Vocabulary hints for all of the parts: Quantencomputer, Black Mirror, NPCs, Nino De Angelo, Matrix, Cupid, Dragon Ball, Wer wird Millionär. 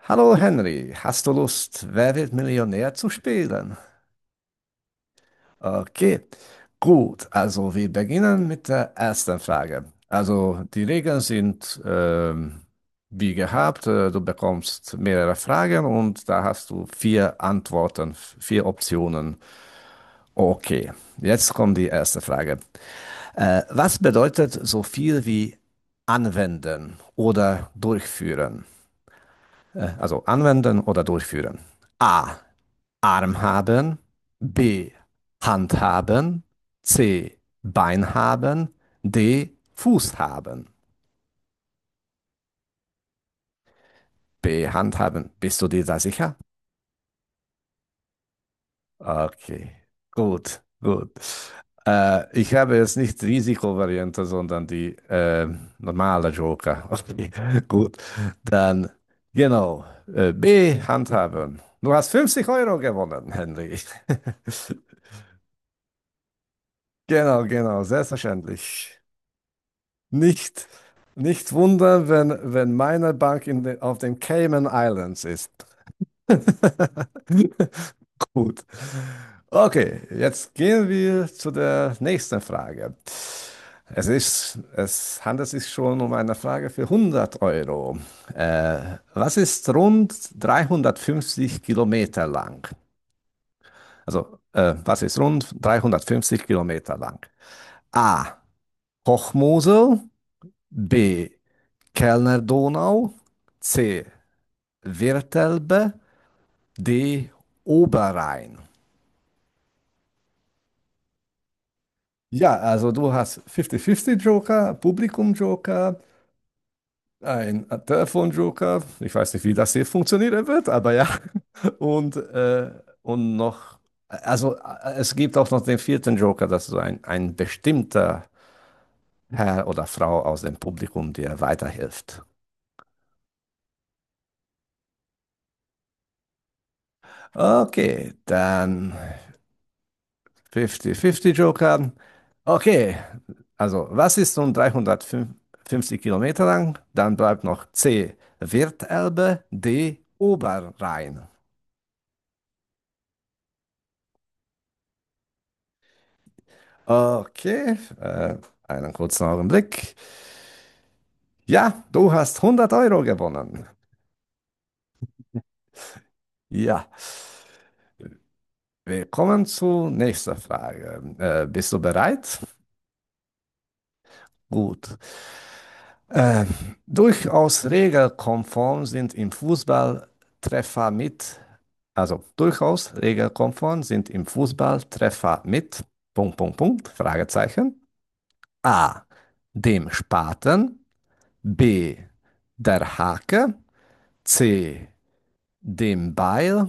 Hallo Henry, hast du Lust, Wer wird Millionär zu spielen? Okay, gut, also wir beginnen mit der ersten Frage. Also die Regeln sind wie gehabt, du bekommst mehrere Fragen und da hast du vier Antworten, vier Optionen. Okay, jetzt kommt die erste Frage. Was bedeutet so viel wie anwenden oder durchführen? Also anwenden oder durchführen. A. Arm haben, B. Hand haben, C. Bein haben, D. Fuß haben. B. Hand haben. Bist du dir da sicher? Okay, gut, gut. Ich habe jetzt nicht Risikovariante, sondern die normale Joker. Okay, gut. Dann, genau, B. Hand haben. Du hast 50 Euro gewonnen, Henry. Genau, genau, selbstverständlich. Nicht, nicht wundern, wenn meine Bank auf den Cayman Islands ist. Gut. Okay, jetzt gehen wir zu der nächsten Frage. Es handelt sich schon um eine Frage für 100 Euro. Was ist rund 350 Kilometer lang? Also, was ist rund 350 Kilometer lang? A. Hochmosel. B. Kellner Donau, C. Wirtelbe, D. Oberrhein. Ja, also du hast 50-50 Joker, Publikum Joker, ein Telefon Joker. Ich weiß nicht, wie das hier funktionieren wird, aber ja. Und, äh, und noch, also es gibt auch noch den vierten Joker, das ist so ein bestimmter Herr oder Frau aus dem Publikum, der weiterhilft. Okay, dann 50-50 Joker. Okay, also was ist nun 350 Kilometer lang? Dann bleibt noch C, Wirtelbe, D, Oberrhein. Okay, einen kurzen Augenblick. Ja, du hast 100 Euro gewonnen. Ja, wir kommen zur nächsten Frage. Bist du bereit? Gut. Äh, Durchaus regelkonform sind im Fußball Treffer mit. Also durchaus regelkonform sind im Fußball Treffer mit Punkt, Punkt, Punkt, Fragezeichen. A. Dem Spaten. B. Der Hake. C. Dem Beil.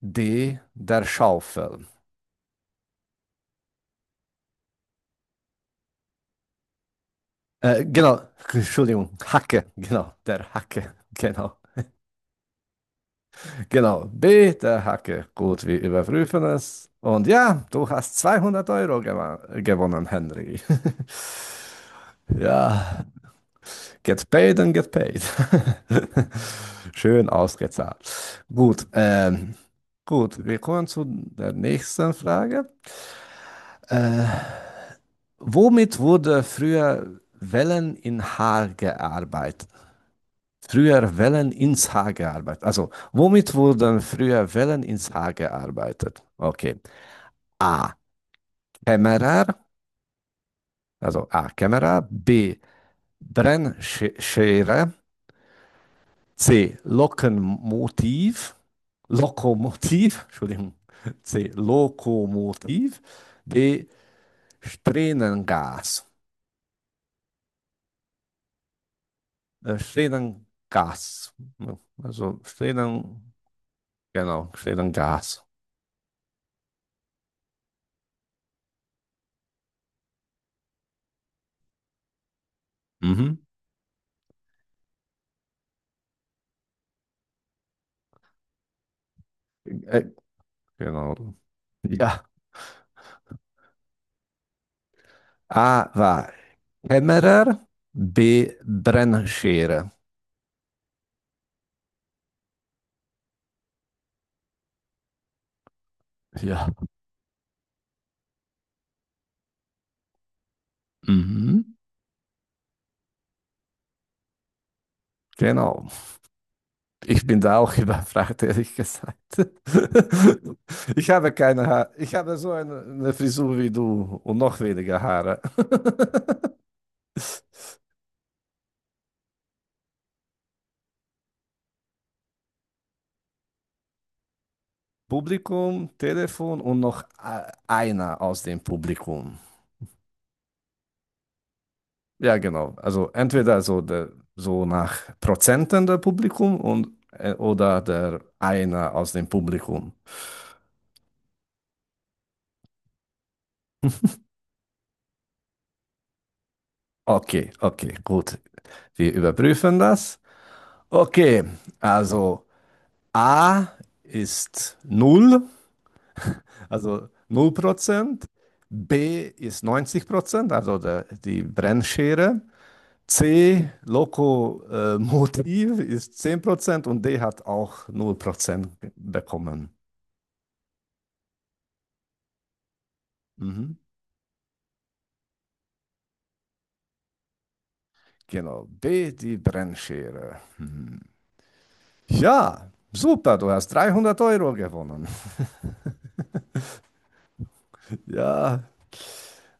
D. Der Schaufel. Genau, Entschuldigung, Hacke, genau, der Hacke, genau, genau, B, der Hacke. Gut, wir überprüfen es. Und ja, du hast 200 Euro gewonnen, Henry. Ja. Get paid and get paid. Schön ausgezahlt. Gut, gut, wir kommen zu der nächsten Frage. Äh, Womit wurde früher Wellen in Haar gearbeitet? Früher Wellen ins Haar gearbeitet. Also, womit wurden früher Wellen ins Haar gearbeitet? Okay. A. Kämmerer, also A. Kämmerer, B. Brennschere, C. Lokomotiv. Lokomotiv. Entschuldigung. C. Lokomotiv. D. Strähnengas. Strähnengas. Also Strähnen, genau, Strähnengas. Mhm. Äh, genau. Ja. A war Kämmerer, B Brennschere. Ja. Mhm. Genau. Ich bin da auch überfragt, ehrlich gesagt. Ich habe keine Haare. Ich habe so eine Frisur wie du und noch weniger Haare. Publikum, Telefon und noch einer aus dem Publikum. Ja, genau. Also entweder so, der, so nach Prozenten der Publikum oder der einer aus dem Publikum. Okay, okay, gut. Wir überprüfen das. Okay, also A ist null. Also null Prozent, B ist 90%, also die Brennschere. C, Lokomotiv ist 10% und D hat auch 0% bekommen. Mhm. Genau, B, die Brennschere. Mhm. Ja, super, du hast 300 Euro gewonnen. Ja,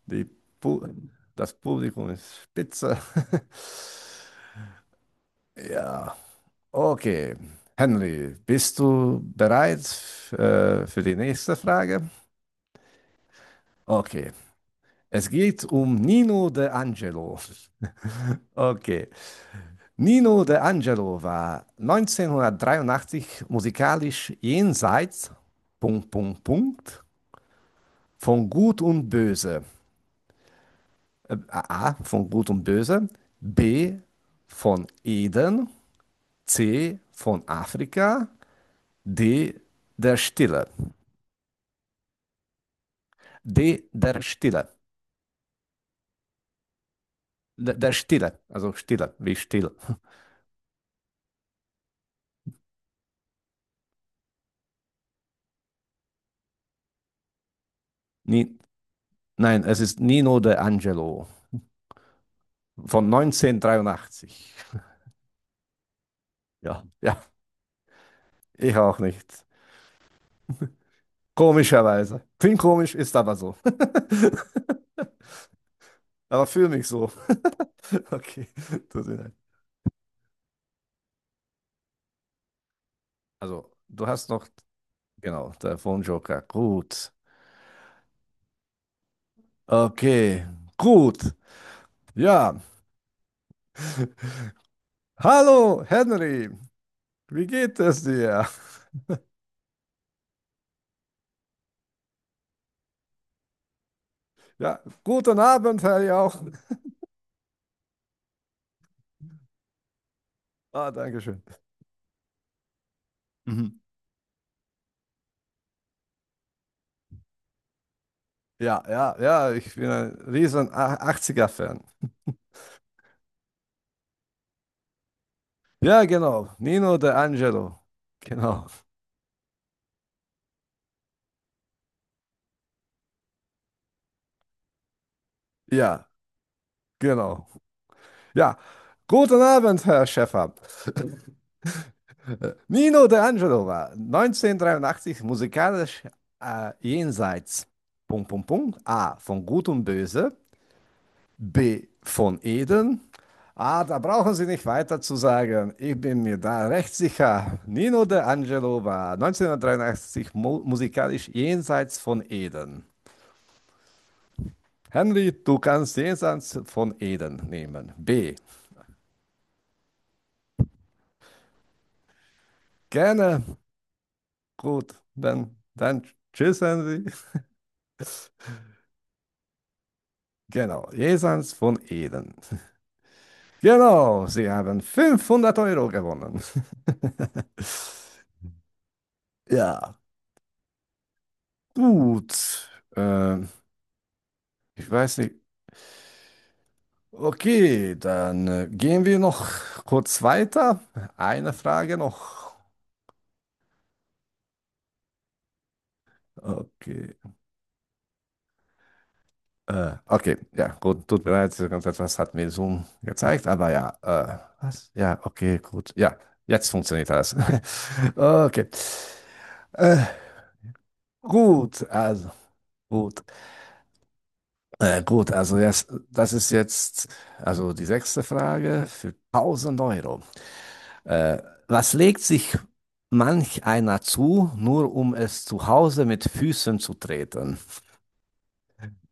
die Pu das Publikum ist spitze. Ja. Okay, Henry, bist du bereit für die nächste Frage? Okay, es geht um Nino De Angelo. Okay, Nino De Angelo war 1983 musikalisch jenseits Punkt, Punkt, Punkt, von Gut und Böse. A, von Gut und Böse, B, von Eden, C, von Afrika, D, der Stille. D, der Stille. Der Stille, also Stille, wie still. Ni, nein, es ist Nino de Angelo von 1983. Ja, ja, ich auch nicht. Komischerweise. Klingt komisch, ist aber so. Aber fühle mich so. Okay, tut mir leid. Also, du hast noch, genau, Telefonjoker. Gut. Okay, gut. Ja. Hallo, Henry. Wie geht es dir? Ja, guten Abend, Herr Jauch. Ah, danke schön. Mhm. Ja, ja, ja, ich bin ein riesen 80er-Fan. Ja, genau. Nino De Angelo. Genau. Ja, genau. Ja, guten Abend, Herr Schäfer. Nino De Angelo war 1983 musikalisch jenseits. Punkt, Punkt, Punkt. A. Von Gut und Böse. B. Von Eden. Ah, da brauchen Sie nicht weiter zu sagen. Ich bin mir da recht sicher. Nino De Angelo war 1983 mu musikalisch jenseits von Eden. Henry, du kannst jenseits von Eden nehmen. B. Gerne. Gut, dann tschüss, Henry. Genau, jenseits von Eden. Genau, Sie haben 500 Euro gewonnen. Ja, gut. Ähm, Ich weiß nicht. Okay, dann gehen wir noch kurz weiter. Eine Frage noch. Okay. Okay, ja, gut, tut mir leid, das etwas hat mir Zoom gezeigt, aber ja, was? Ja, okay, gut. Ja, jetzt funktioniert das. Okay. Äh, gut, also, gut. Gut, also jetzt, das ist jetzt also die sechste Frage für 1000 Euro. Äh, Was legt sich manch einer zu, nur um es zu Hause mit Füßen zu treten?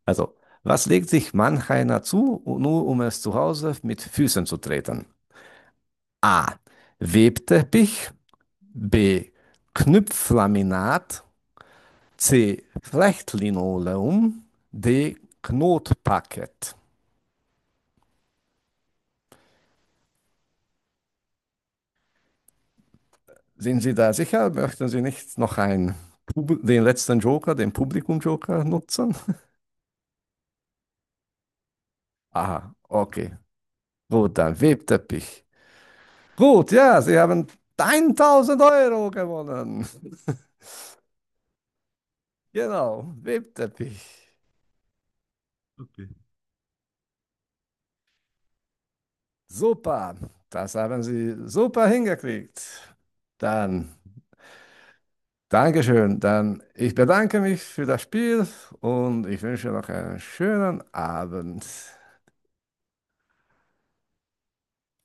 Also, was legt sich manch einer zu, nur um es zu Hause mit Füßen zu treten? A. Webteppich. B. Knüpflaminat. C. Flechtlinoleum. D. Knotparkett. Sind Sie da sicher? Möchten Sie nicht noch den letzten Joker, den Publikum-Joker nutzen? Aha, okay. Gut, dann Webteppich. Gut, ja, Sie haben 1000 Euro gewonnen. Genau, Webteppich. Okay. Super, das haben Sie super hingekriegt. Dann, Dankeschön. Dann, ich bedanke mich für das Spiel und ich wünsche noch einen schönen Abend.